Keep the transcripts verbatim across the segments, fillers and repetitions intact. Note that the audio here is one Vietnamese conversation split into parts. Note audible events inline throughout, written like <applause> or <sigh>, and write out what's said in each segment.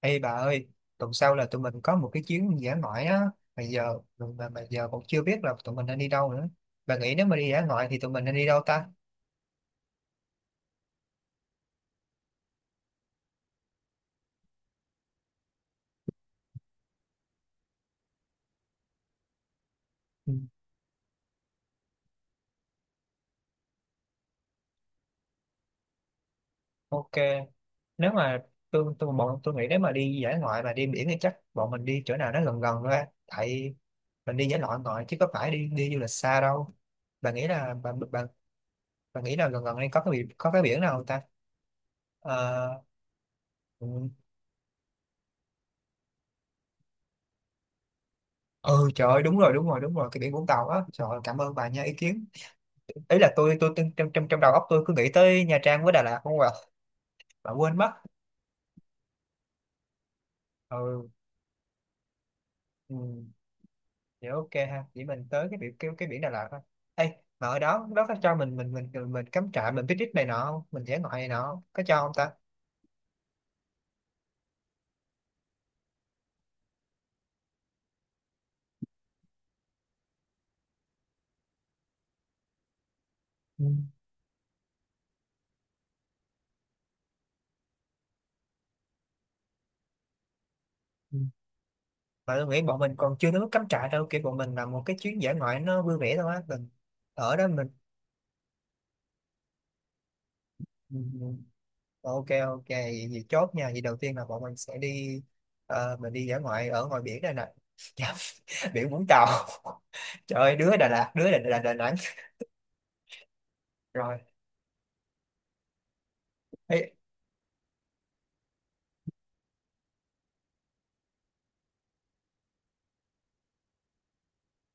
Ê bà ơi, tuần sau là tụi mình có một cái chuyến dã ngoại á, mà giờ mà, mà giờ cũng chưa biết là tụi mình nên đi đâu nữa. Bà nghĩ nếu mà đi dã ngoại thì tụi mình nên đi đâu ta? Ừ. Ok, nếu mà tôi tôi bọn tôi nghĩ nếu mà đi dã ngoại mà đi biển thì chắc bọn mình đi chỗ nào nó gần gần ra, tại mình đi dã ngoại ngoại chứ có phải đi đi du lịch xa đâu. Bà nghĩ là bà bà, bà nghĩ là gần gần đây có cái biển có cái biển nào không ta? Ờ, ừ, ừ, trời ơi, đúng rồi đúng rồi đúng rồi cái biển Vũng Tàu á. Trời ơi, cảm ơn bà nha. Ý kiến ý là tôi tôi, tôi trong trong trong đầu óc tôi cứ nghĩ tới Nha Trang với Đà Lạt không à, mà quên mất. ừ, ừ. Dạ, ok ha, chỉ mình tới cái biển cái, cái biển Đà Lạt thôi. Ê, mà ở đó đó có cho mình mình mình mình, mình cắm trại, mình picnic này nọ không, mình dã ngoại này nọ không? Có cho không ta? Ừ, ừ. Mà tôi nghĩ bọn mình còn chưa đến mức cắm trại đâu, kiểu bọn mình làm một cái chuyến dã ngoại nó vui vẻ thôi á, mình ở đó mình. Ok, ok, vậy thì chốt nha. Vậy đầu tiên là bọn mình sẽ đi, ờ, mình đi dã ngoại ở ngoài biển đây nè. <laughs> Dạ, biển Vũng Tàu. <laughs> Trời ơi, đứa Đà Lạt, đứa Đà, Đà, Đà Nẵng. Rồi. Ê,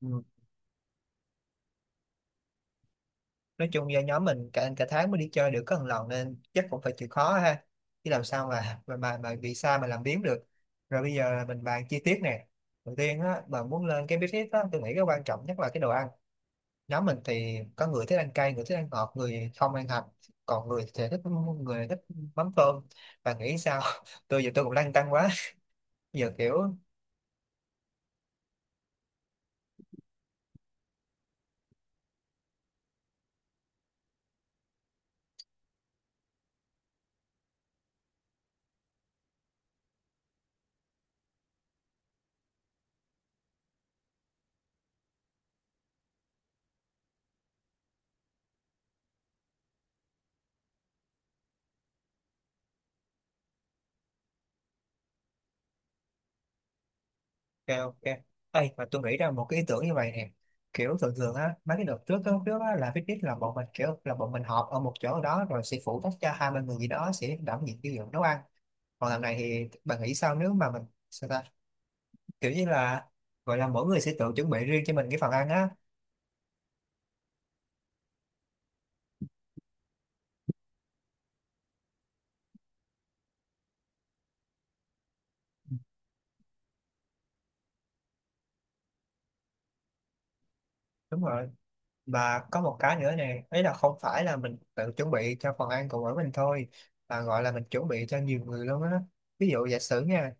ừ, nói chung do nhóm mình cả cả tháng mới đi chơi được có một lần, nên chắc cũng phải chịu khó ha. Chứ làm sao mà mà mà, mà bị xa mà làm biếng được. Rồi bây giờ là mình bàn chi tiết nè. Đầu tiên á, bạn muốn lên cái business á, tôi nghĩ cái quan trọng nhất là cái đồ ăn. Nhóm mình thì có người thích ăn cay, người thích ăn ngọt, người không ăn hạt, còn người thì thích, người thích mắm tôm, và nghĩ sao? <laughs> Tôi giờ tôi cũng lăn tăn quá. <laughs> Giờ kiểu, kêu ok. Ê mà tôi nghĩ ra một cái ý tưởng như vậy nè. Kiểu thường thường á, mấy cái đợt trước á, trước á, là picnic là bọn mình kiểu là bọn mình họp ở một chỗ ở đó, rồi sẽ phụ trách cho hai ba người gì đó sẽ đảm nhiệm cái việc nấu ăn. Còn làm này thì bạn nghĩ sao nếu mà mình, sao ta, kiểu như là gọi là mỗi người sẽ tự chuẩn bị riêng cho mình cái phần ăn á. Đúng rồi. Và có một cái nữa nè, ấy là không phải là mình tự chuẩn bị cho phần ăn của mỗi mình thôi, mà gọi là mình chuẩn bị cho nhiều người luôn á. Ví dụ giả sử nha,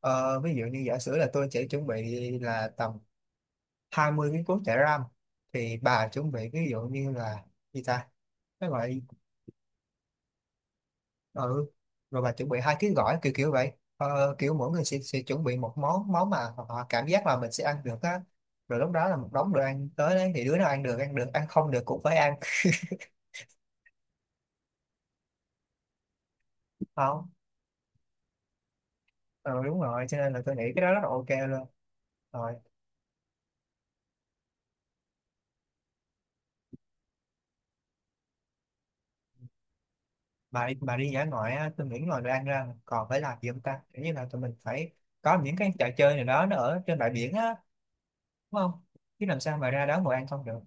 ờ, ví dụ như giả sử là tôi sẽ chuẩn bị là tầm hai mươi miếng cuốn chả ram, thì bà chuẩn bị ví dụ như là gì ta, cái gọi, ừ, rồi bà chuẩn bị hai ký gỏi kiểu kiểu vậy. Ờ, kiểu mỗi người sẽ, sẽ chuẩn bị một món, món mà họ cảm giác là mình sẽ ăn được á. Rồi lúc đó là một đống đồ ăn tới đấy thì đứa nào ăn được ăn được, ăn không được cũng phải ăn. <laughs> Không. Ừ đúng rồi, cho nên là tôi nghĩ cái đó rất là ok luôn. Rồi bà đi, bà đi dã ngoại á, tôi nghĩ ngoài đồ ăn ra còn phải làm gì không ta, kiểu như là tụi mình phải có những cái trò chơi nào đó nó ở trên bãi biển á, đúng không? Chứ làm sao mà ra đó ngồi ăn không được.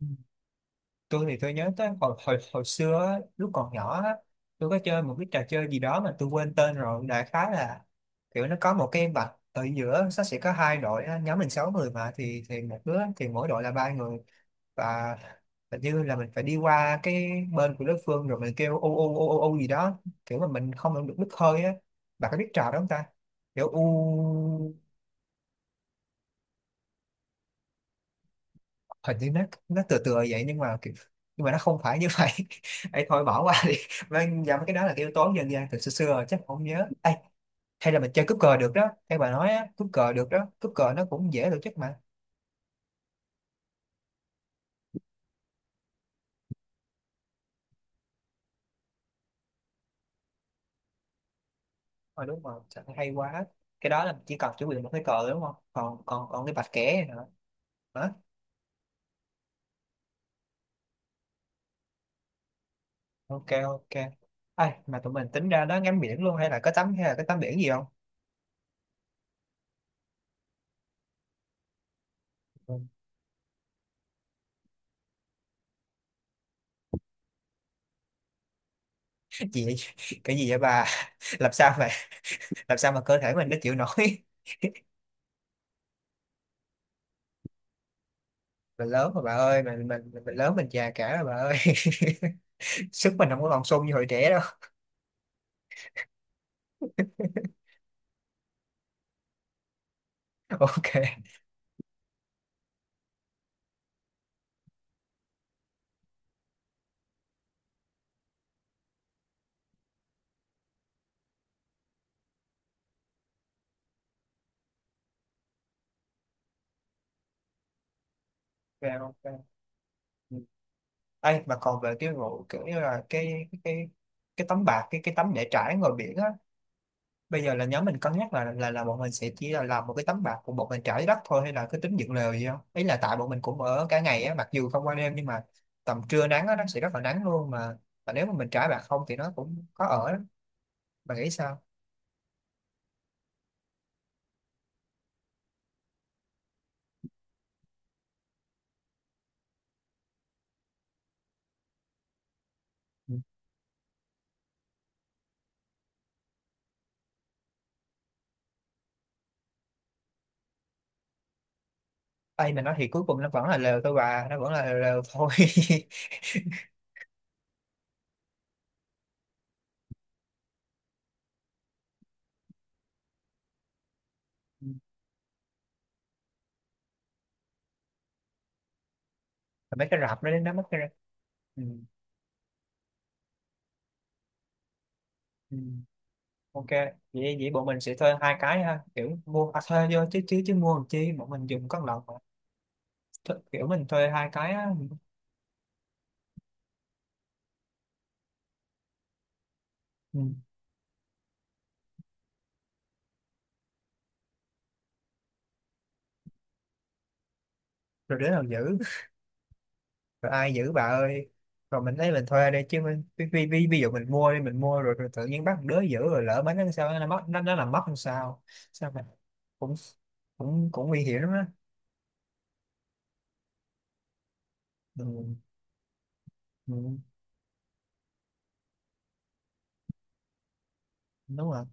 Ừ. Tôi thì tôi nhớ tới hồi hồi hồi xưa á, lúc còn nhỏ á, tôi có chơi một cái trò chơi gì đó mà tôi quên tên rồi, đại khái là kiểu nó có một cái vạch ở giữa, nó sẽ có hai đội á, nhóm mình sáu người mà thì, thì một đứa thì mỗi đội là ba người, và hình như là mình phải đi qua cái bên của đối phương rồi mình kêu u u u u u gì đó, kiểu mà mình không làm được đứt hơi á, bạn có biết trò đó không ta, kiểu u. Hình như nó nó tựa tựa vậy nhưng mà kiểu, nhưng mà nó không phải như vậy. <laughs> Ấy thôi bỏ qua đi. Vâng, dạ, cái đó là cái yếu tố dân gian từ xưa xưa rồi, chắc không nhớ. Ê, hay là mình chơi cúp cờ được đó, hay bà nói á cúp cờ được đó, cúp cờ nó cũng dễ tổ chức mà. Ờ đúng rồi, sao hay quá. Cái đó là chỉ cần chuẩn bị một cái cờ đúng không, còn còn còn cái bạch kẻ nữa. Hả? Ok, ok, ai mà tụi mình tính ra đó ngắm biển luôn hay là có tắm hay là có tắm biển gì không? <laughs> Gì vậy? Cái gì vậy bà? <laughs> làm sao mà làm sao mà cơ thể mình nó chịu nổi. <laughs> Mình lớn rồi bà ơi, mình mình mình lớn, mình già cả rồi bà ơi. <laughs> Sức mình không có còn sung như hồi trẻ đâu. <laughs> Ok, ok ok Ừ. Ấy mà còn về cái vụ kiểu như là cái cái cái tấm bạc, cái cái tấm để trải ngoài biển á, bây giờ là nhóm mình cân nhắc là là là bọn mình sẽ chỉ là làm một cái tấm bạt của bọn mình trải đất thôi, hay là cứ tính dựng lều gì không, ý là tại bọn mình cũng ở cả ngày á, mặc dù không qua đêm nhưng mà tầm trưa nắng á nó sẽ rất là nắng luôn mà, và nếu mà mình trải bạt không thì nó cũng khó ở lắm. Bà nghĩ sao? Ừ. Ây mà nói thì cuối cùng nó vẫn là lều thôi bà, nó vẫn là lều, lều thôi. <laughs> Ừ. Mà mấy cái rạp đó đến đó mất cái, ừ. Ừ. Ok, vậy vậy bọn mình sẽ thuê hai cái ha, kiểu mua à, thuê vô chứ chứ chứ mua làm chi, bọn mình dùng có lộc mà. Thu- kiểu mình thuê hai cái á. Ừ. Rồi đứa nào giữ, rồi ai giữ bà ơi, rồi mình lấy mình thuê đây chứ mình, ví, ví, ví, ví dụ mình mua đi, mình mua rồi, rồi tự nhiên bắt một đứa giữ rồi lỡ mấy nó sao nó mất, nó nó làm mất làm sao, sao mà cũng cũng cũng nguy hiểm lắm á. Ừ, ừ, đúng rồi,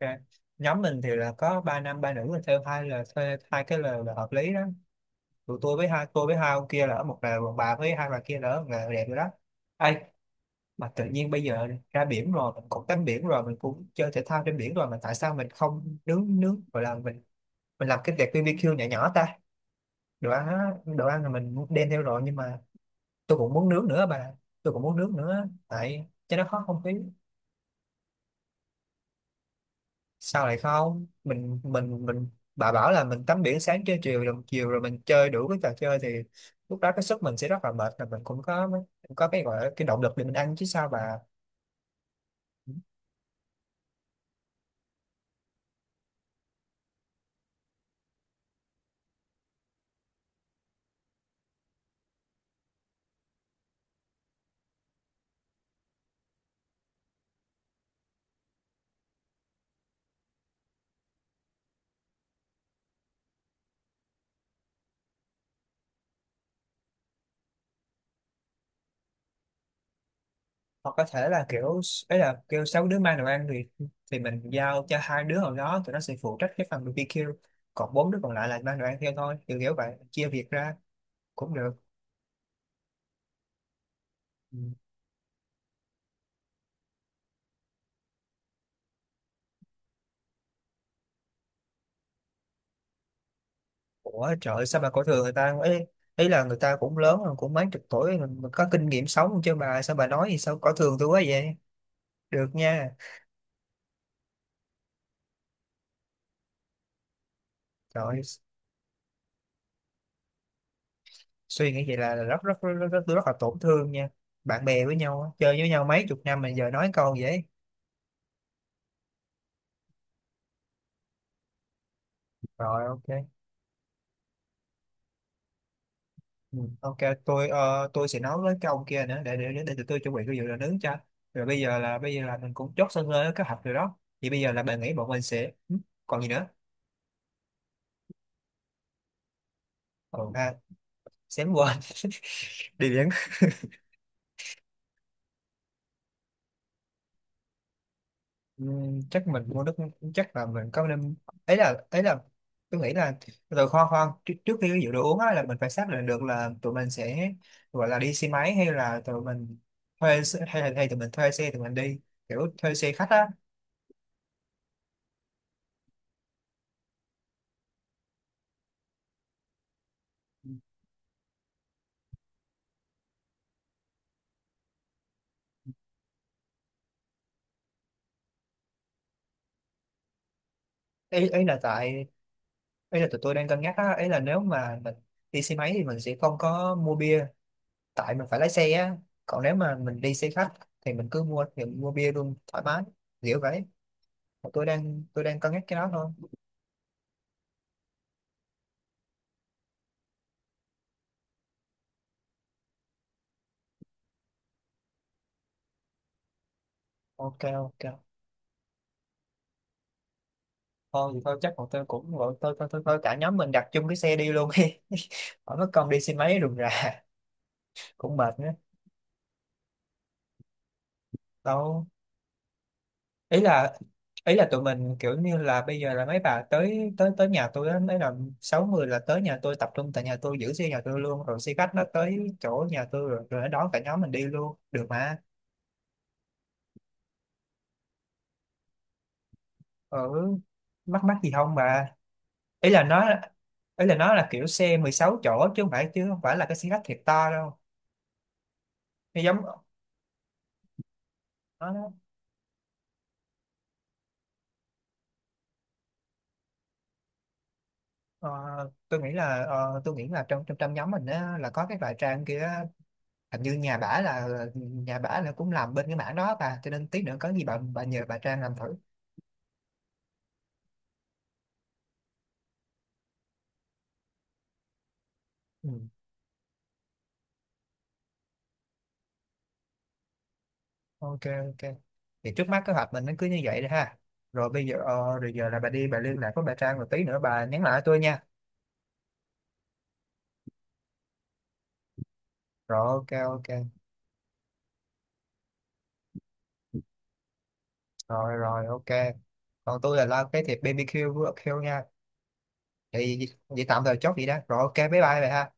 ok. Nhóm mình thì là có ba nam ba nữ, là thuê hai, là thuê hai cái lều là hợp lý đó. Tụi tôi với hai, tôi với hai ông kia là ở một lều, còn bà với hai bà kia là ở một lều, đẹp rồi đó. Ê, mà tự nhiên bây giờ ra biển rồi mình cũng tắm biển rồi mình cũng chơi thể thao trên biển rồi, mà tại sao mình không nướng nướng, gọi là mình mình làm cái đẹp bi bi kiu nhỏ nhỏ ta. Đồ ăn á, đồ ăn là mình đem theo rồi nhưng mà tôi cũng muốn nướng nữa bà, tôi cũng muốn nướng nữa tại cho nó khó không khí. Sao lại không, mình mình mình bà bảo là mình tắm biển sáng chơi chiều đồng chiều rồi mình chơi đủ cái trò chơi thì lúc đó cái sức mình sẽ rất là mệt, là mình cũng có cũng có cái gọi là cái động lực để mình ăn chứ sao bà. Hoặc có thể là kiểu, ấy là kêu sáu đứa mang đồ ăn thì thì mình giao cho hai đứa nào đó, tụi nó sẽ phụ trách cái phần bi bi kiu, còn bốn đứa còn lại là mang đồ ăn theo thôi, kiểu kiểu vậy, chia việc ra cũng được. Ừ. Ủa trời ơi, sao bà cổ thường người ta, ấy ấy là người ta cũng lớn rồi, cũng mấy chục tuổi rồi, mà có kinh nghiệm sống không chứ bà, sao bà nói gì sao cổ thường tôi quá vậy, được nha. Trời ơi, suy nghĩ vậy là, là rất rất rất rất, rất, tôi rất là tổn thương nha, bạn bè với nhau á, chơi với nhau mấy chục năm mà giờ nói câu vậy. Rồi ok. Ừ, ok, tôi ờ, tôi sẽ nói với cái ông kia nữa để để để, để tụi tôi chuẩn bị cái vụ đồ nướng cho. Rồi bây giờ là bây giờ là mình cũng chốt sân lên kế hoạch rồi đó. Thì bây giờ là bạn nghĩ bọn mình sẽ ừ, còn gì nữa? Ừ, à, xém quên. <laughs> Địa điểm. Ừ, chắc mình mua nước, chắc là mình có nên, ấy là ấy là tôi nghĩ là, rồi khoan khoan trước, trước khi cái vụ đồ uống á là mình phải xác định được là tụi mình sẽ gọi là đi xe máy hay là tụi mình thuê xe- hay là hay tụi mình thuê xe tụi mình đi, kiểu thuê xe khách á. Ý, ý là tại, ý là tụi tôi đang cân nhắc á, ấy là nếu mà mình đi xe máy thì mình sẽ không có mua bia, tại mình phải lái xe á. Còn nếu mà mình đi xe khách thì mình cứ mua thì mua bia luôn thoải mái, kiểu vậy. Mà tôi đang tôi đang cân nhắc cái đó thôi. Ok, ok. Thôi thì thôi chắc bọn tôi cũng gọi tôi thôi thôi thôi cả nhóm mình đặt chung cái xe đi luôn đi. <laughs> Khỏi mất công đi xe máy rườm rà, cũng mệt nữa. Đâu, ý là ý là tụi mình kiểu như là bây giờ là mấy bà tới tới tới nhà tôi á, mấy là sáu mươi là tới nhà tôi, tập trung tại nhà tôi, giữ xe nhà tôi luôn, rồi xe khách nó tới chỗ nhà tôi rồi, rồi nó đón cả nhóm mình đi luôn được mà. Ở, mắc mắc gì không bà, ý là nó ý là nó là kiểu xe mười sáu chỗ, chứ không phải chứ không phải là cái xe khách thiệt to đâu, nó giống, nó nó-. Ờ, tôi nghĩ là ờ, tôi nghĩ là trong trong trong nhóm mình á là có cái loại Trang kia, hình như nhà bả là nhà bả là cũng làm bên cái mảng đó bà, cho nên tí nữa có gì bà bà nhờ bà Trang làm thử. Ừ. Ok, ok, thì trước mắt kế hoạch mình nó cứ như vậy đi ha. Rồi bây giờ ờ, rồi giờ là bà đi bà liên lạc với bà Trang rồi tí nữa bà nhắn lại tôi nha. Rồi ok, ok, rồi rồi ok. Còn tôi là lo cái thiệp bi bi kiu với Q nha. Thì vậy tạm thời chốt vậy đó, rồi ok, bye bye bà ha.